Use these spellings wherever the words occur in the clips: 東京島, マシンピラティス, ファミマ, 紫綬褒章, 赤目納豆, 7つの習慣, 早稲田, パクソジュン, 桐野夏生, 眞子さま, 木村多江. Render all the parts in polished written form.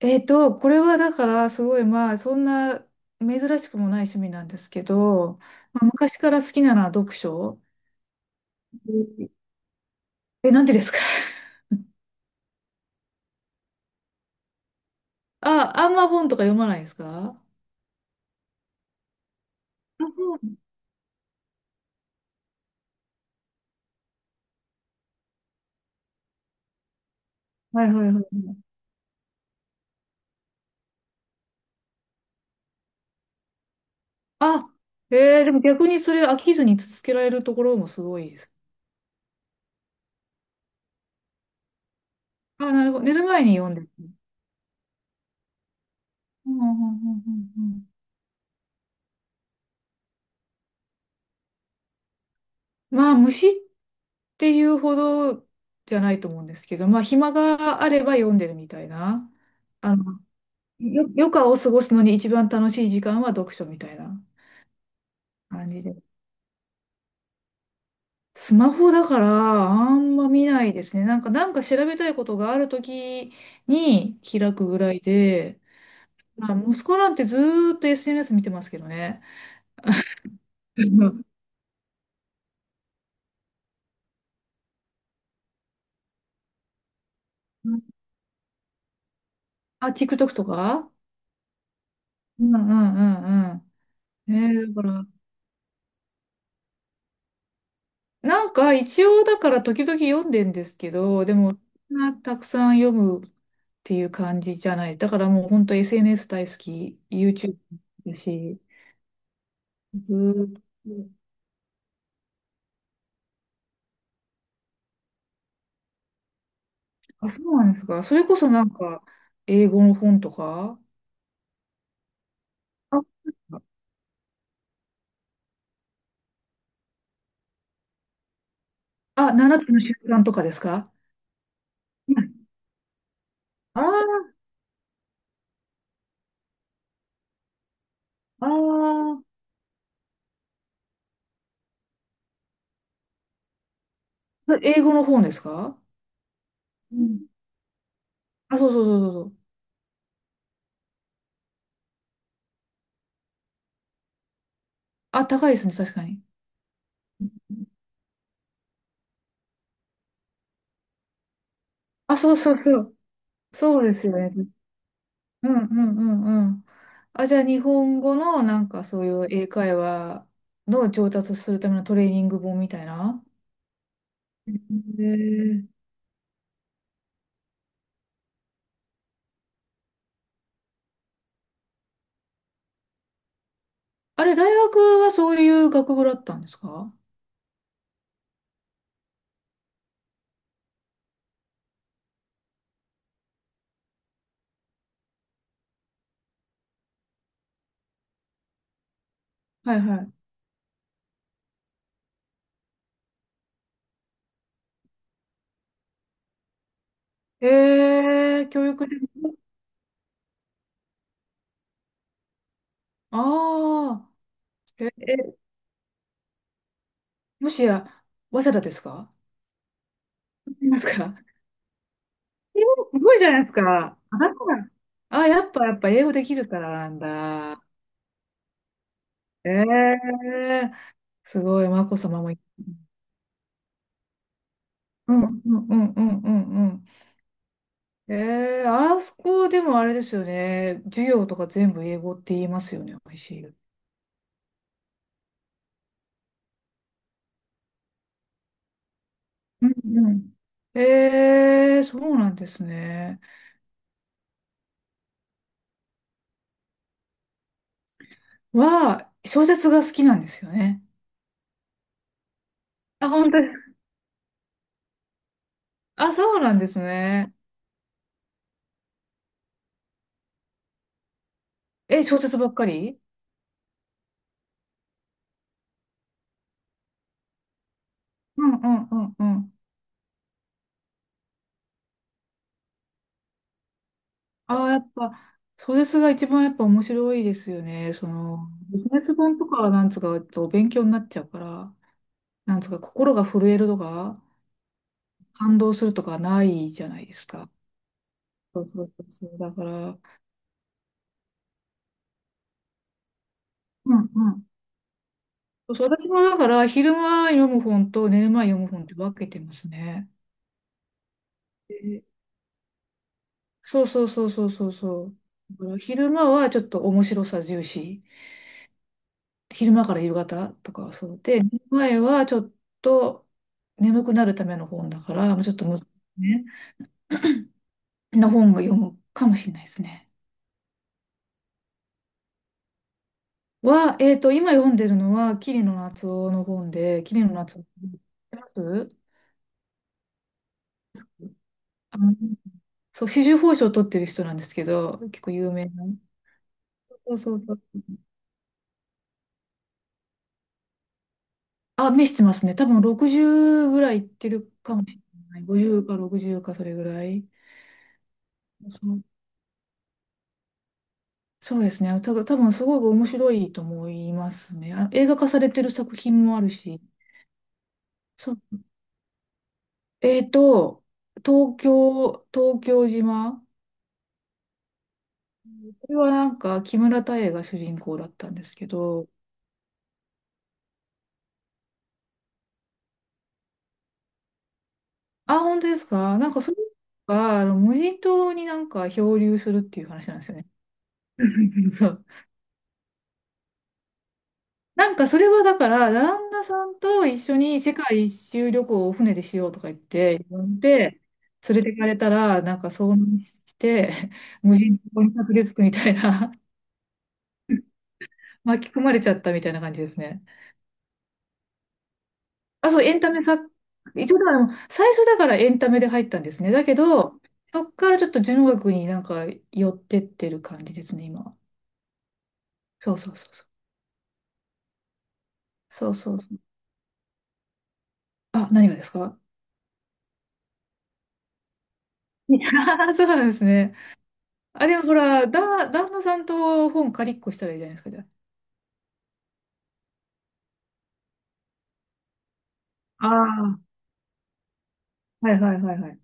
これはだからすごい、まあそんな珍しくもない趣味なんですけど、まあ、昔から好きなのは読書。うん、え、なんでですか？ あ、あんま本とか読まないですか？あ、そう。はいはいはいはい。あ、えー、でも逆にそれ飽きずに続けられるところもすごいです。あ、なるほど。寝る前に読んでる。うんうんうんうんうん。まあ虫っていうほどじゃないと思うんですけど、まあ暇があれば読んでるみたいな。あの、余暇を過ごすのに一番楽しい時間は読書みたいな感じで。スマホだからあんま見ないですね。なんか、調べたいことがあるときに開くぐらいで、まあ、息子なんてずーっと SNS 見てますけどね。うん、あ、TikTok とか。うんうんうんうん。ねえ、だから、なんか一応だから時々読んでんですけど、でもそんなたくさん読むっていう感じじゃない。だからもう本当 SNS 大好き、YouTube だし、ずーっと。あ、そうなんですか。それこそなんか英語の本とか、あ、あ7つの習慣とかですか？うん、あー、あー、それ英語の本ですか？うん、あ、そうそうそうそうそう。あ、高いですね、確かに。あ、そうそうそう。そうですよね。うんうんうんうん。あ、じゃあ日本語のなんかそういう英会話の上達するためのトレーニング本みたいな。へえ。あれ、大学はそういう学部だったんですか？はいはい。えー、教育で。ああ、え、え、もしや、早稲田ですか？いますか？えー、すごいじゃないですか。あ、だから、あ、やっぱ、やっぱ英語できるからなんだ。えー、すごい、眞子さまも。うんうんうんうんうんうん。えー、あそこでもあれですよね。授業とか全部英語って言いますよね、i c。 うんうん。えー、そうなんですね。は、小説が好きなんですよね。あ、本当です、あ、そうなんですね。え、小説ばっかり？うんうんうんうん。ああ、やっぱ、小説が一番やっぱ面白いですよね。その、ビジネス本とかはなんつうか、ちょっとお勉強になっちゃうから、なんつうか、心が震えるとか、感動するとかないじゃないですか。そうそうそうそう。だから、うんうん。そうそう、私もだから、昼間読む本と寝る前読む本って分けてますね。で、そうそうそうそうそうそう。だから昼間はちょっと面白さ重視。昼間から夕方とかはそうで、寝る前はちょっと眠くなるための本だから、もうちょっと難しいね。な本が読むかもしれないですね。は、今読んでるのは、桐野夏生の本で、桐野夏生。知ってます？あ、そう、紫綬褒章を取ってる人なんですけど、結構有名な。そうそうそう。あ、目してますね。多分60ぐらいいってるかもしれない。50か60かそれぐらい。そう、そうですね。ただ多分すごく面白いと思いますね。あ、映画化されてる作品もあるし。そう。えっと、東京、東京島。これはなんか木村多江が主人公だったんですけど、あ、本当ですか？なんかそれが、あの、無人島になんか漂流するっていう話なんですよね。そう。なんかそれはだから、旦那さんと一緒に世界一周旅行を船でしようとか言って、呼んで、連れてかれたら、なんか遭難して、無人島にたど着くみたいな、巻き込まれちゃったみたいな感じですね。あ、そう、エンタメさ、一応だから、最初だからエンタメで入ったんですね。だけど、そっからちょっと純学になんか寄ってってる感じですね、今。そうそうそうそう。そうそうそう。あ、何がですか？あ、 そうなんですね。あ、でもほら、旦那さんと本借りっこしたらいいじゃないですか、じゃあ。ああ、はいはいはいはい。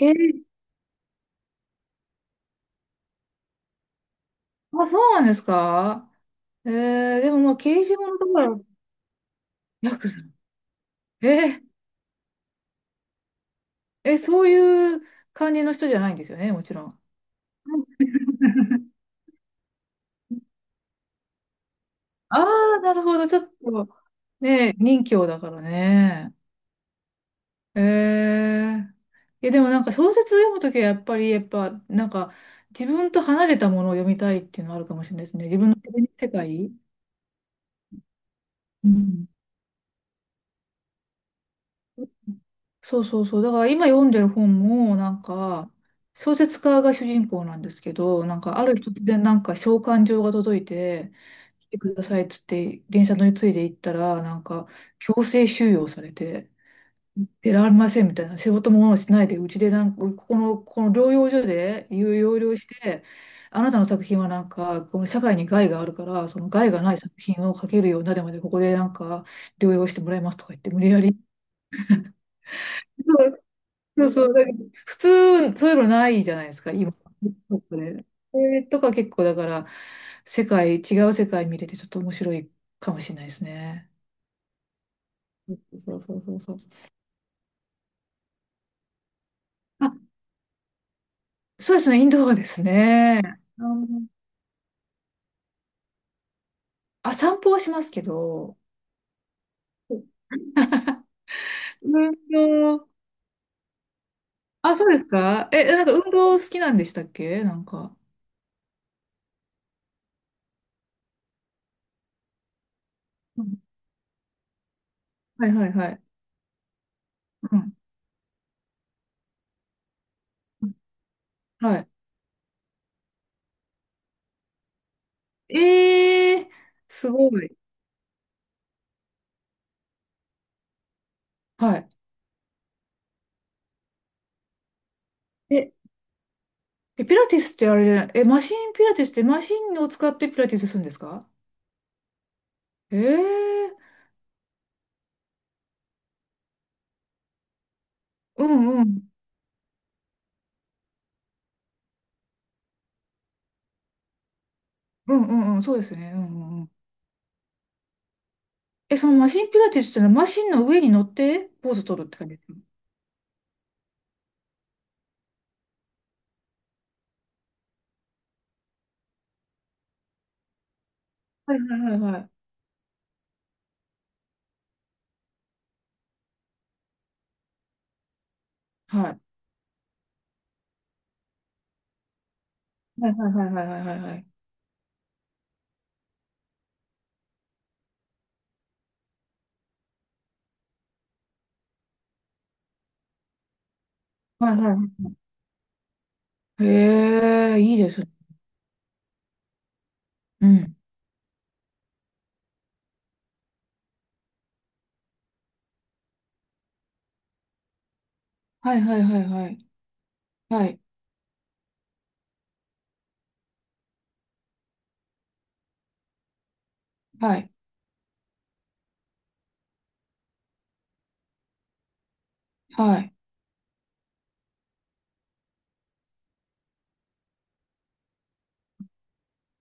へえ、け、あ、そうなんですか？えー、でもまあ、刑事物とか、ヤクザ。えー、え、そういう感じの人じゃないんですよね、もちろん。あ、 あ、なるほど。ちょっと、ね、任侠だからね。ええ、いや、でもなんか小説読むときはやっぱり、やっぱ、なんか自分と離れたものを読みたいっていうのはあるかもしれないですね。自分の世界。うん。そうそうそう。だから今読んでる本も、なんか、小説家が主人公なんですけど、なんかある日突然なんか召喚状が届いて、来てくださいっつって電車乗り継いで行ったら、なんか強制収容されて、出られませんみたいな、仕事もしないで、うちでなんか、ここの、この療養所で有療養して、あなたの作品はなんか、この社会に害があるから、その害がない作品を描けるようになるまで、ここでなんか、療養してもらいますとか言って、無理やり。そうそう、そうだけど普通、そういうのないじゃないですか、今。で、それとか結構、だから、世界、違う世界見れて、ちょっと面白いかもしれないですね。そうそうそうそうそう。あ、そうですね、インドアですね。あ、散歩はしますけど、運動、あ、そうですか？え、なんか運動好きなんでしたっけ？なんか。うん、はいはいはい。うん。はい。えー、すごい。はい。え、えピラティスってあれじゃない、え、マシンピラティスってマシンを使ってピラティスするんですか？えー、うんうん。うんうんうん、そうですね。うんうんうん。え、そのマシンピラティスっていうのはマシンの上に乗ってポーズ取るって感じですか？はいはいはいはい。はい。はいはいはいはいはいはい。はいはいはい、へえ、いいです。うん。はいはいはいはい。はい。はい。はい。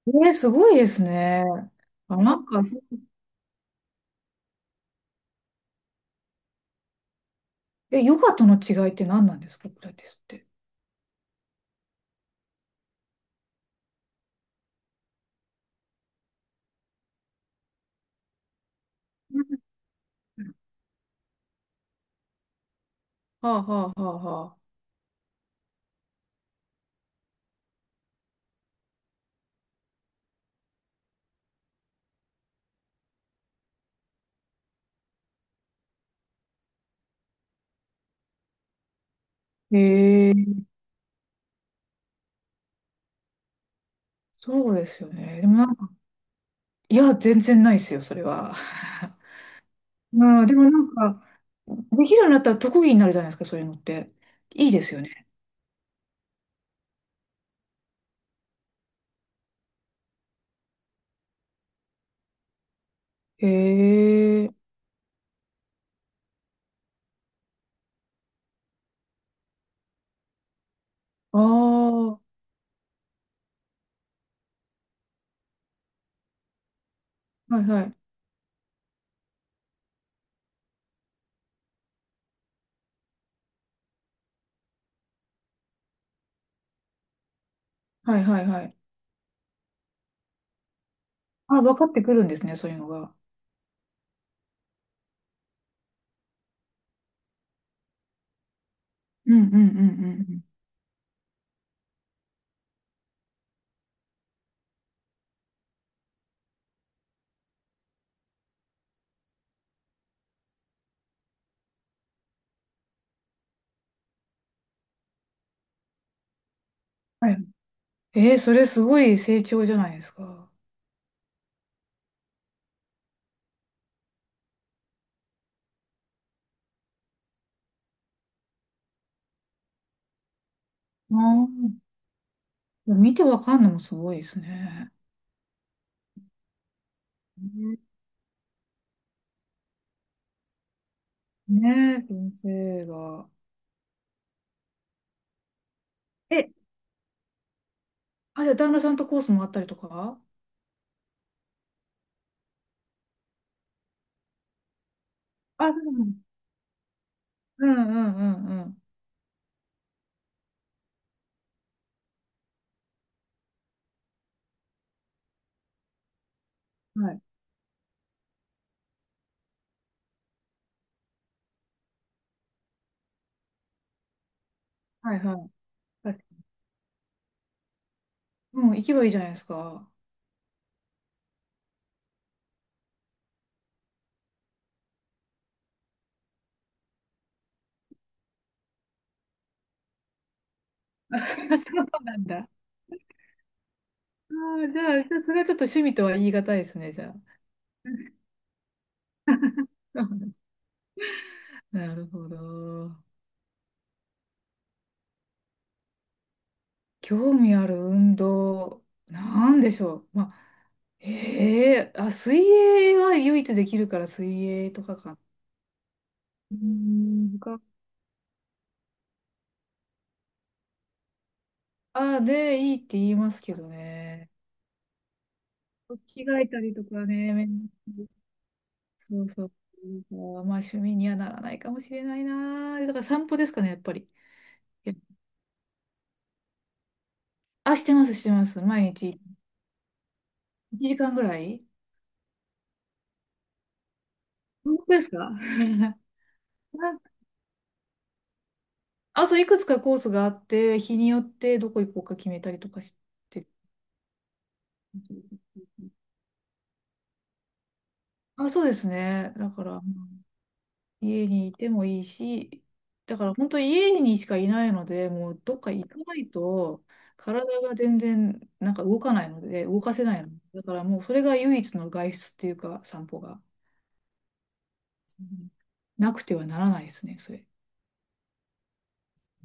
えー、すごいですね。あ、なんか、そ、え、ヨガとの違いって何なんですか、ピラティスって。うん、はあはあはあはあ。へえ、そうですよね。でもなんか、いや、全然ないですよ、それは。うん、でもなんか、できるようになったら特技になるじゃないですか、そういうのって。いいですよね。へえ、ああ、はいはい。はいはいはい。あ、分かってくるんですね、そういうのが。うんうんうんうん、はい。えー、それすごい成長じゃないですか。ああ、見てわかんのもすごいですね。ね、ねえ、先生が。え、あ、じゃあ旦那さんとコースもあったりとか？あ、そうなの。うんうんうんうん。はい。はいはい。あ、うん、行けばいいじゃないですか。そうなんだ。あ、あ、じゃあ、じゃあ、それはちょっと趣味とは言い難いですね、じゃあ。なるほど。興味ある運動、なんでしょう。まあ、ええ、あ、水泳は唯一できるから水泳とかかな。うーん、が、あ、で、いいって言いますけどね。着替えたりとかね、めんどくさい、そうそう。まあ、趣味にはならないかもしれないな。だから散歩ですかね、やっぱり。いや、あ、してます、してます。毎日1時間ぐらい。本当ですか？ あ、そう、いくつかコースがあって、日によってどこ行こうか決めたりとかして。あ、そうですね。だから、家にいてもいいし、だから本当に家にしかいないので、もうどっか行かないと、体が全然なんか動かないので、動かせないの。だからもうそれが唯一の外出っていうか、散歩が。うん、なくてはならないですね、それ。